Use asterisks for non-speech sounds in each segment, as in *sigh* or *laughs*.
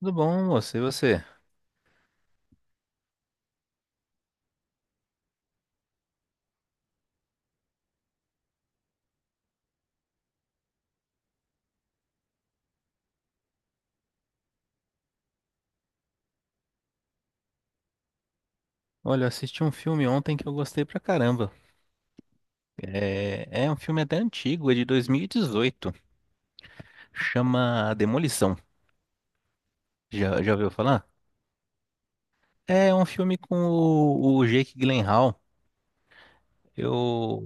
Tudo bom, moço? E você? Olha, eu assisti um filme ontem que eu gostei pra caramba. É um filme até antigo, é de 2018. Chama Demolição. Já, já ouviu falar? É um filme com o Jake Gyllenhaal. Eu,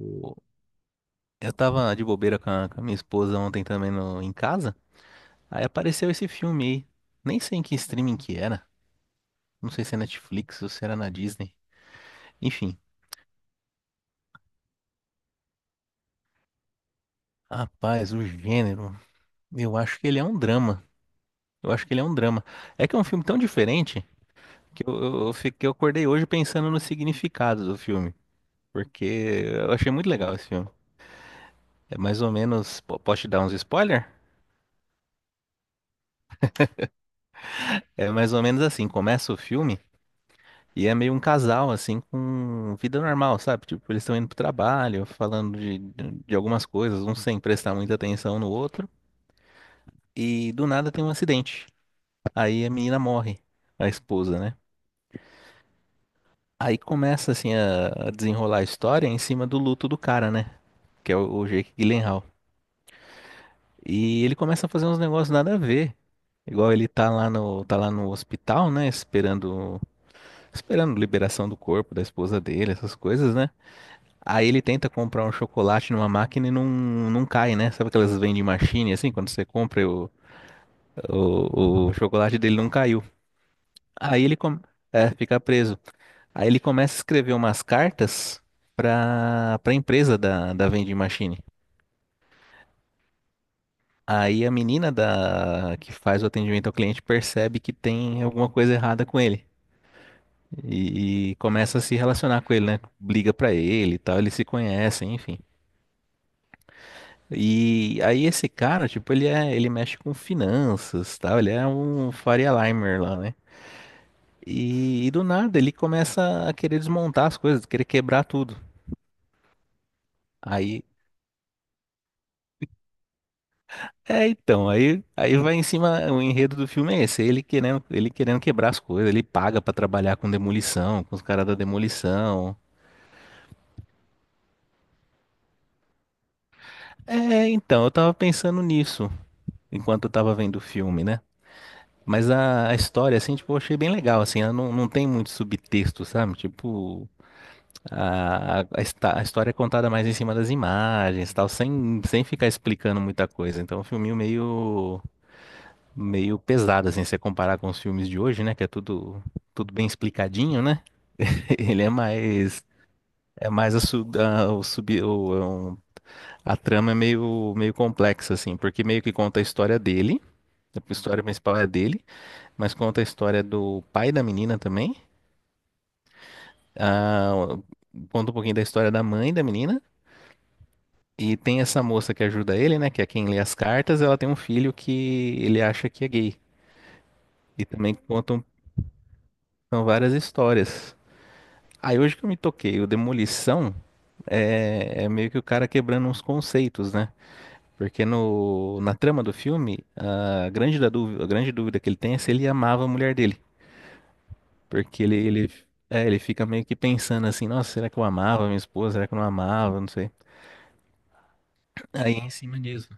eu tava de bobeira com com a minha esposa ontem também no, em casa. Aí apareceu esse filme aí. Nem sei em que streaming que era. Não sei se é Netflix ou se era na Disney. Enfim, rapaz, o gênero. Eu acho que ele é um drama. Eu acho que ele é um drama. É que é um filme tão diferente que eu fiquei, eu acordei hoje pensando no significado do filme, porque eu achei muito legal esse filme. É mais ou menos, posso te dar uns spoiler? É mais ou menos assim, começa o filme e é meio um casal assim com vida normal, sabe? Tipo, eles estão indo pro trabalho, falando de algumas coisas, um sem prestar muita atenção no outro, e do nada tem um acidente. Aí a menina morre, a esposa, né? Aí começa assim a desenrolar a história em cima do luto do cara, né? Que é o Jake Gyllenhaal. E ele começa a fazer uns negócios nada a ver. Igual ele tá lá no hospital, né? Esperando, esperando liberação do corpo da esposa dele, essas coisas, né? Aí ele tenta comprar um chocolate numa máquina e não cai, né? Sabe aquelas vending machine, assim, quando você compra o chocolate dele não caiu. Aí ele com- É, fica preso. Aí ele começa a escrever umas cartas pra empresa da vending machine. Aí a menina da que faz o atendimento ao cliente percebe que tem alguma coisa errada com ele e começa a se relacionar com ele, né? Liga pra ele e tal, eles se conhecem, enfim. E aí esse cara, tipo, ele mexe com finanças, tal, ele é um Faria Limer lá, né? E do nada ele começa a querer desmontar as coisas, querer quebrar tudo. Aí é, então, aí vai em cima, o enredo do filme é esse, ele querendo quebrar as coisas, ele paga pra trabalhar com demolição, com os caras da demolição. É, então, eu tava pensando nisso enquanto eu tava vendo o filme, né? Mas a história, assim, tipo, eu achei bem legal, assim, ela não tem muito subtexto, sabe? Tipo, a história é contada mais em cima das imagens, tal, sem, sem ficar explicando muita coisa. Então, é um filminho meio meio pesado, assim, se você comparar com os filmes de hoje, né? Que é tudo, tudo bem explicadinho, né? *laughs* Ele é mais. É mais a, su- a- o sub, o- é um- a trama é meio, meio complexa, assim, porque meio que conta a história dele, a história principal é dele, mas conta a história do pai da menina também, ah, conta um pouquinho da história da mãe da menina, e tem essa moça que ajuda ele, né, que é quem lê as cartas, ela tem um filho que ele acha que é gay, e também contam são várias histórias. Aí hoje que eu me toquei, o Demolição é meio que o cara quebrando uns conceitos, né? Porque no, na trama do filme, da dúvida, a grande dúvida que ele tem é se ele amava a mulher dele. Porque ele fica meio que pensando assim, nossa, será que eu amava minha esposa? Será que eu não amava? Não sei. Aí em cima disso.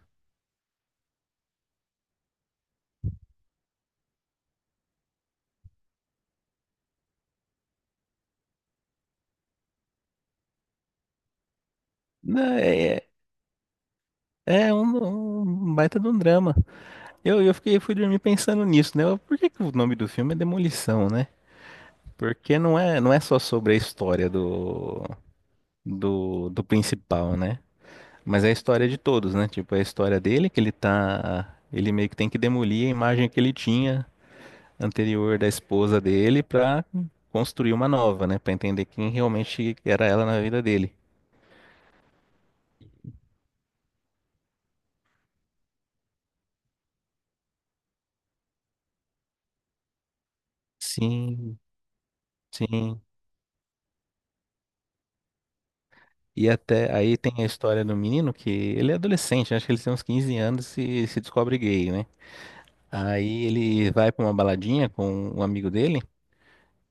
Né, é é um, um baita de um drama. Eu fiquei, eu fui dormir pensando nisso, né? Por que que o nome do filme é Demolição, né? Porque não é só sobre a história do principal, né? Mas é a história de todos, né? Tipo, é a história dele que ele tá. Ele meio que tem que demolir a imagem que ele tinha anterior da esposa dele pra construir uma nova, né? Pra entender quem realmente era ela na vida dele. Sim, sim. E até aí tem a história do menino que ele é adolescente, né? Acho que ele tem uns 15 anos e se descobre gay, né? Aí ele vai pra uma baladinha com um amigo dele.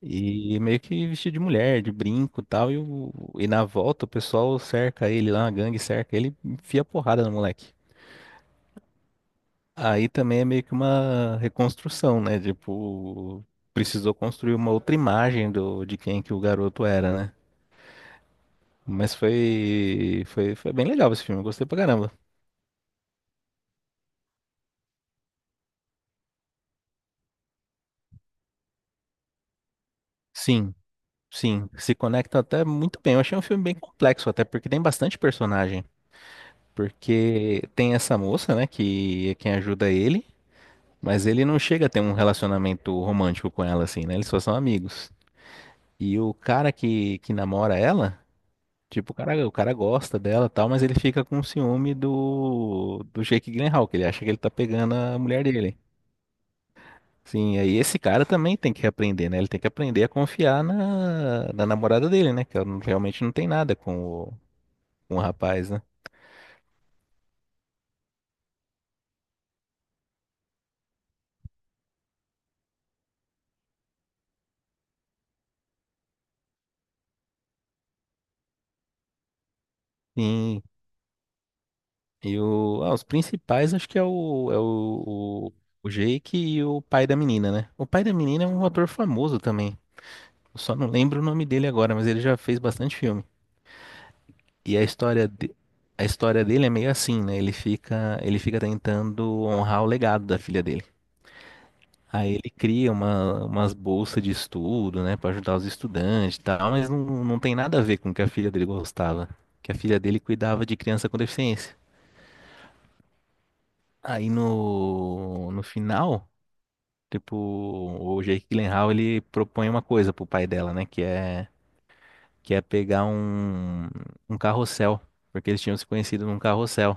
E meio que vestido de mulher, de brinco e tal. E na volta o pessoal cerca ele lá, a gangue cerca ele, enfia porrada no moleque. Aí também é meio que uma reconstrução, né? Tipo, precisou construir uma outra imagem de quem que o garoto era, né? Mas foi bem legal esse filme, eu gostei pra caramba. Sim, sim, se conecta até muito bem. Eu achei um filme bem complexo, até porque tem bastante personagem. Porque tem essa moça, né, que é quem ajuda ele. Mas ele não chega a ter um relacionamento romântico com ela, assim, né? Eles só são amigos. E o cara que namora ela, tipo, o cara gosta dela e tal, mas ele fica com ciúme do Jake Gyllenhaal, que ele acha que ele tá pegando a mulher dele. Sim, aí esse cara também tem que aprender, né? Ele tem que aprender a confiar na namorada dele, né? Que ela não- realmente não tem nada com com o rapaz, né? Sim. E o, ah, os principais acho que o Jake e o pai da menina, né? O pai da menina é um ator famoso também. Eu só não lembro o nome dele agora, mas ele já fez bastante filme. E a história dele é meio assim, né? Ele fica tentando honrar o legado da filha dele. Aí ele cria uma, umas bolsas de estudo, né, pra ajudar os estudantes e tal, mas não tem nada a ver com o que a filha dele gostava, que a filha dele cuidava de criança com deficiência. Aí no final tipo, o Jake Gyllenhaal, ele propõe uma coisa pro pai dela, né? Que é pegar um carrossel. Porque eles tinham se conhecido num carrossel.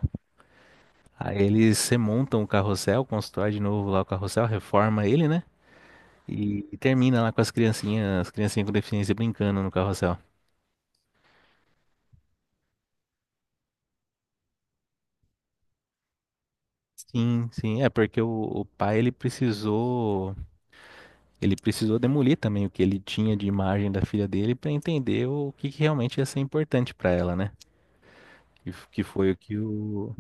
Aí eles remontam o carrossel, constrói de novo lá o carrossel, reforma ele, né? E termina lá com as criancinhas com deficiência brincando no carrossel. Sim, sim, é porque o pai ele precisou demolir também o que ele tinha de imagem da filha dele para entender que realmente ia ser importante para ela, né? Que, f- que foi o que o,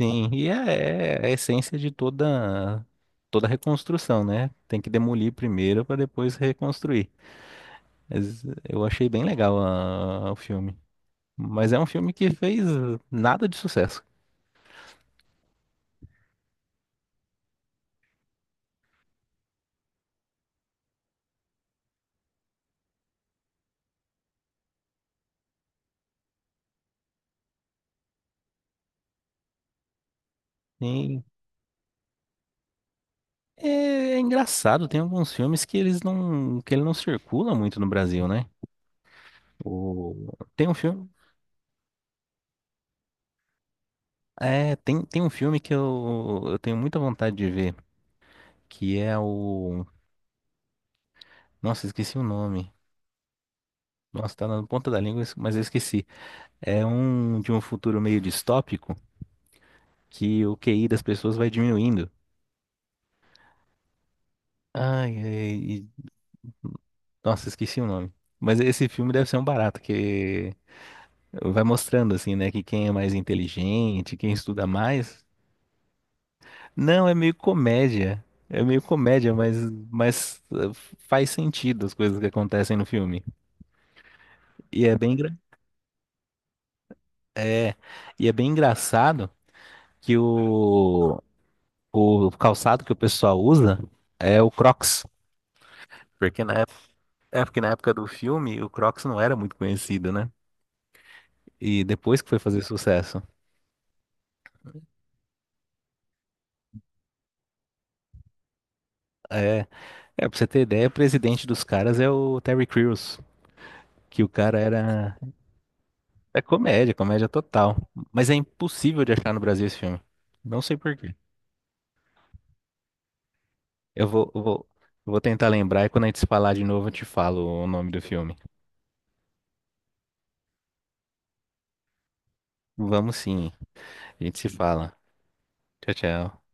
Sim, e é a essência de toda toda reconstrução, né? Tem que demolir primeiro para depois reconstruir. Mas eu achei bem legal o filme. Mas é um filme que fez nada de sucesso. E é, É engraçado, tem alguns filmes que eles não que ele não circula muito no Brasil, né? O, tem um filme, é, tem, Tem um filme que eu tenho muita vontade de ver, que nossa, esqueci o nome. Nossa, tá na ponta da língua, mas eu esqueci. É um de um futuro meio distópico que o QI das pessoas vai diminuindo. Ai, ai, e- Nossa, esqueci o nome. Mas esse filme deve ser um barato, que vai mostrando assim, né, que quem é mais inteligente, quem estuda mais. Não, é meio comédia. É meio comédia, mas faz sentido as coisas que acontecem no filme. E é é, e é bem engraçado que o calçado que o pessoal usa é o Crocs. Porque na É porque na época do filme o Crocs não era muito conhecido, né? E depois que foi fazer sucesso. É, é pra você ter ideia, o presidente dos caras é o Terry Crews, que o cara era. É comédia, comédia total. Mas é impossível de achar no Brasil esse filme. Não sei por quê. Eu vou, eu vou, eu vou tentar lembrar e quando a gente se falar de novo eu te falo o nome do filme. Vamos sim, a gente se fala. Tchau, tchau.